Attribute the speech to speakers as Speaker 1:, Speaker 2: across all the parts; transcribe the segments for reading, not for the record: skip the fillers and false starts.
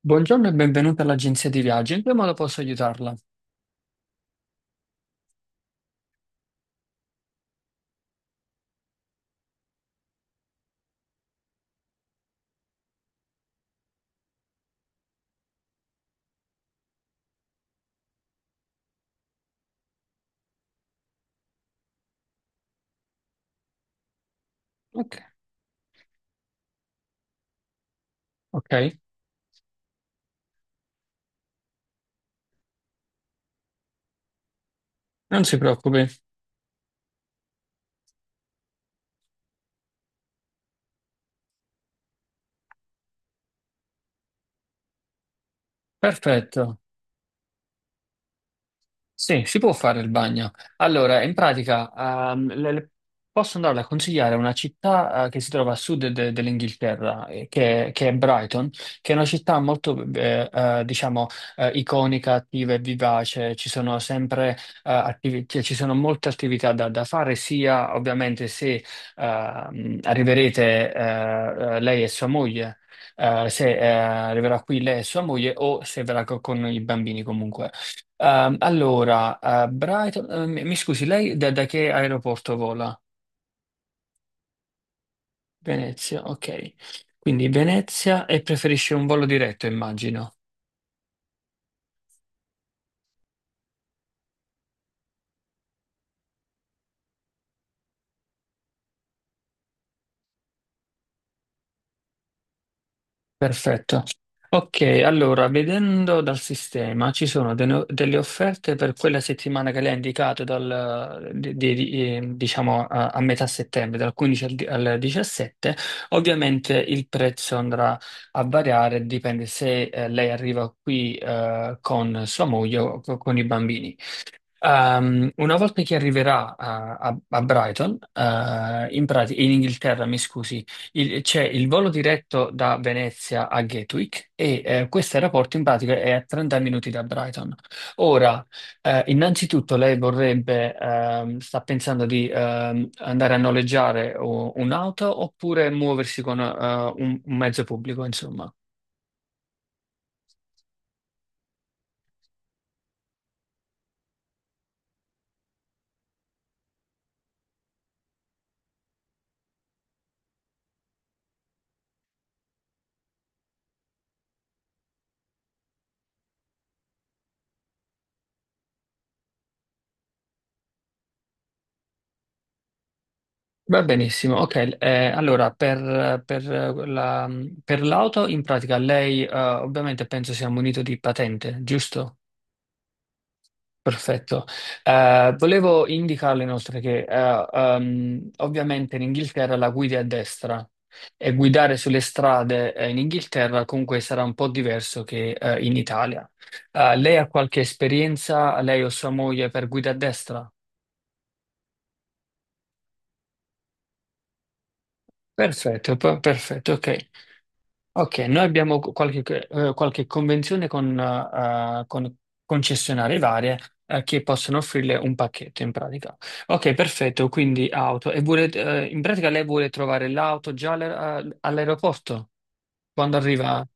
Speaker 1: Buongiorno e benvenuta all'agenzia di viaggi. In che modo posso aiutarla? Ok. Ok, non si preoccupi. Perfetto. Sì, si può fare il bagno. Allora, in pratica, ehm, le- le- posso andare a consigliare una città, che si trova a sud dell'Inghilterra, che è Brighton, che è una città molto, diciamo, iconica, attiva e vivace. Ci sono sempre, cioè, ci sono molte attività da fare, sia ovviamente se arriverete, lei e sua moglie. Se arriverà qui lei e sua moglie o se verrà con i bambini comunque. Brighton, mi scusi, lei da che aeroporto vola? Venezia, ok. Quindi Venezia, e preferisce un volo diretto, immagino. Perfetto. Ok, allora, vedendo dal sistema ci sono de- no, delle offerte per quella settimana che lei ha indicato, diciamo a metà settembre, Dal 15 al 17. Ovviamente il prezzo andrà a variare, dipende se lei arriva qui con sua moglie o con i bambini. Una volta che arriverà a Brighton, in Inghilterra, mi scusi, c'è il volo diretto da Venezia a Gatwick, e questo aeroporto in pratica è a 30 minuti da Brighton. Ora, innanzitutto lei vorrebbe, sta pensando di andare a noleggiare un'auto oppure muoversi con un mezzo pubblico, insomma. Va benissimo, ok. Per la- per l'auto, in pratica, lei ovviamente penso sia munito di patente, giusto? Perfetto. Volevo indicarle inoltre che ovviamente in Inghilterra la guidi a destra e guidare sulle strade in Inghilterra comunque sarà un po' diverso che in Italia. Lei ha qualche esperienza, lei o sua moglie, per guida a destra? Perfetto, ok. Ok, noi abbiamo qualche convenzione con concessionarie varie, che possono offrirle un pacchetto in pratica. Ok, perfetto, quindi auto. E vuole, in pratica lei vuole trovare l'auto già all'aeroporto quando arriva?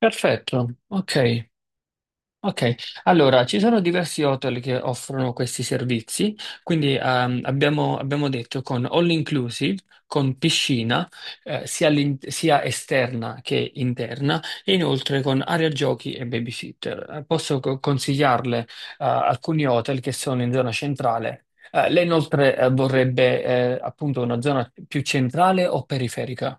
Speaker 1: Perfetto, ok. Ok, allora ci sono diversi hotel che offrono questi servizi, quindi abbiamo detto con all inclusive, con piscina, sia esterna che interna, e inoltre con area giochi e babysitter. Posso consigliarle alcuni hotel che sono in zona centrale. Lei inoltre vorrebbe appunto una zona più centrale o periferica?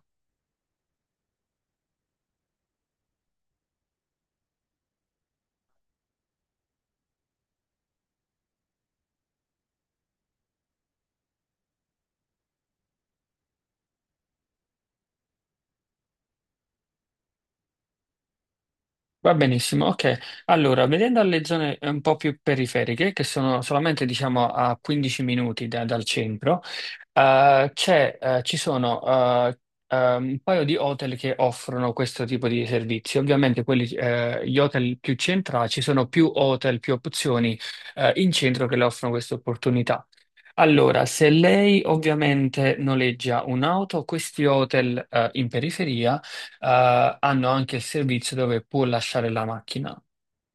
Speaker 1: Va benissimo, ok. Allora, vedendo le zone un po' più periferiche, che sono solamente diciamo a 15 minuti dal centro, ci sono eh, un paio di hotel che offrono questo tipo di servizi. Ovviamente gli hotel più centrali, ci sono più hotel, più opzioni in centro che le offrono questa opportunità. Allora, se lei ovviamente noleggia un'auto, questi hotel in periferia hanno anche il servizio dove può lasciare la macchina,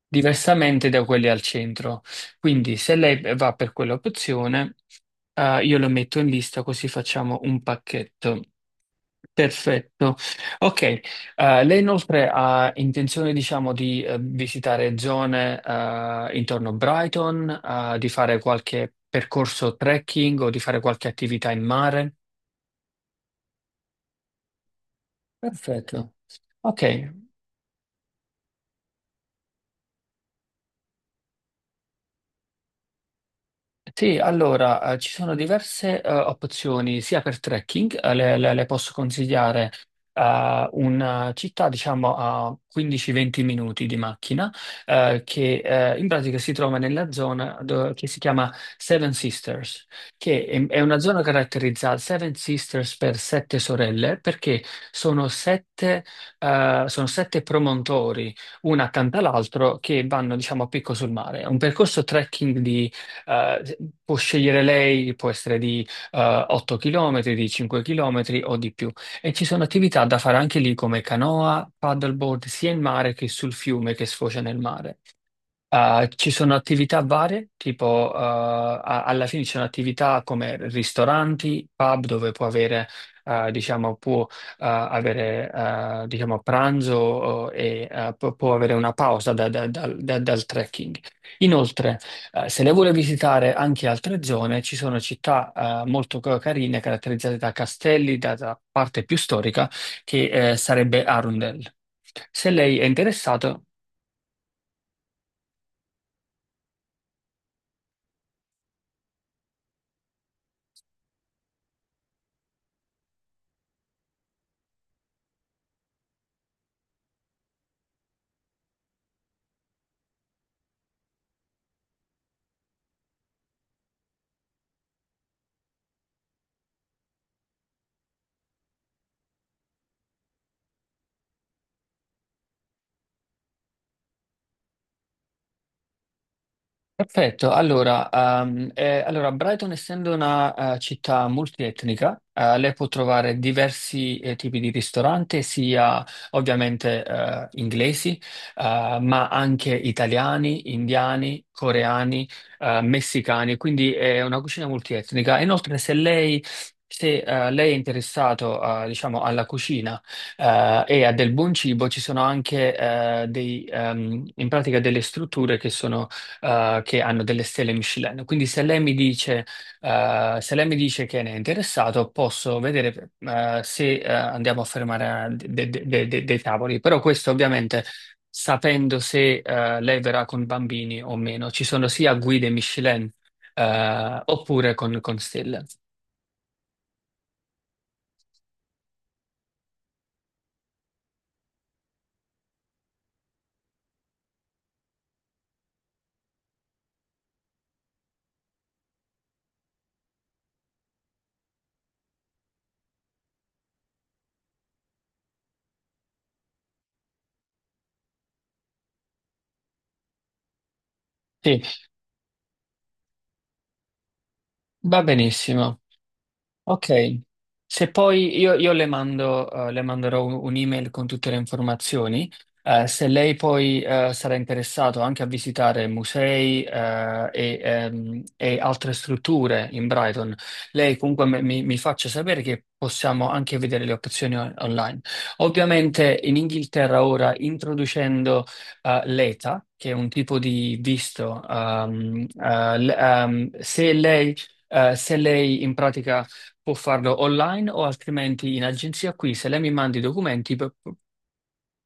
Speaker 1: diversamente da quelli al centro. Quindi se lei va per quell'opzione, io lo metto in lista così facciamo un pacchetto. Perfetto. Ok. Lei inoltre ha intenzione, diciamo, di visitare zone intorno a Brighton, di fare qualche percorso trekking o di fare qualche attività in mare? Perfetto. Ok. Sì, allora, ci sono diverse opzioni sia per trekking, le posso consigliare una città diciamo a 15-20 minuti di macchina che in pratica si trova nella zona che si chiama Seven Sisters, che è una zona caratterizzata Seven Sisters per sette sorelle perché sono sette, sono sette promontori, una accanto all'altro, che vanno diciamo a picco sul mare. È un percorso trekking, eh, può scegliere lei, può essere di 8 km, di 5 km o di più. E ci sono attività da fare anche lì come canoa, paddleboard, sia in mare che sul fiume che sfocia nel mare. Ci sono attività varie, tipo alla fine ci sono attività come ristoranti, pub dove può avere, diciamo, può diciamo, pranzo e può avere una pausa dal trekking. Inoltre, se lei vuole visitare anche altre zone, ci sono città molto carine, caratterizzate da castelli, da parte più storica, che sarebbe Arundel. Se lei è interessato. Perfetto, allora, Brighton essendo una città multietnica, lei può trovare diversi tipi di ristoranti, sia ovviamente inglesi, ma anche italiani, indiani, coreani, messicani, quindi è una cucina multietnica. Inoltre, se lei è interessato diciamo alla cucina e a del buon cibo, ci sono anche in pratica delle strutture che sono che hanno delle stelle Michelin. Quindi se lei mi se lei mi dice che ne è interessato, posso vedere, se, andiamo a fermare dei tavoli. Però questo ovviamente sapendo se, lei verrà con bambini o meno. Ci sono sia guide Michelin, oppure con stelle. Sì, va benissimo. Ok, se poi io le mando, le manderò un'email con tutte le informazioni. Se lei poi sarà interessato anche a visitare musei e altre strutture in Brighton, lei comunque mi faccia sapere che possiamo anche vedere le opzioni online. Ovviamente in Inghilterra ora introducendo l'ETA, che è un tipo di visto, se lei in pratica può farlo online o altrimenti in agenzia qui. Se lei mi manda i documenti,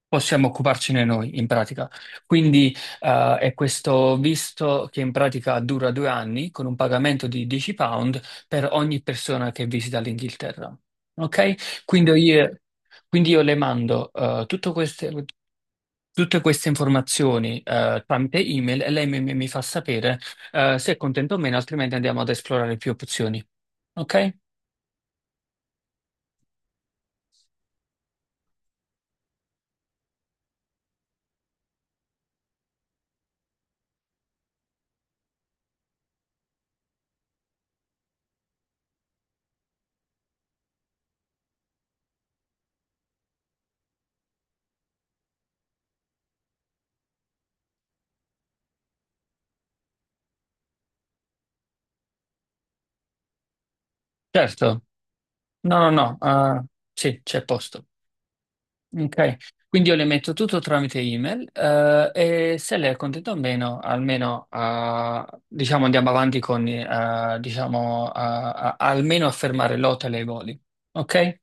Speaker 1: possiamo occuparcene noi in pratica. Quindi è questo visto che in pratica dura 2 anni con un pagamento di £10 per ogni persona che visita l'Inghilterra. Ok? Quindi io le mando tutte queste informazioni tramite email, e lei mi fa sapere se è contento o meno, altrimenti andiamo ad esplorare più opzioni. Ok? Certo. No, sì, c'è posto. Ok, quindi io le metto tutto tramite email, e se lei è contenta o meno, almeno, diciamo, andiamo avanti con, almeno a fermare l'hotel e i voli. Ok?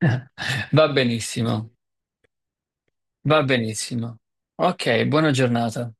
Speaker 1: Va benissimo, va benissimo. Ok, buona giornata.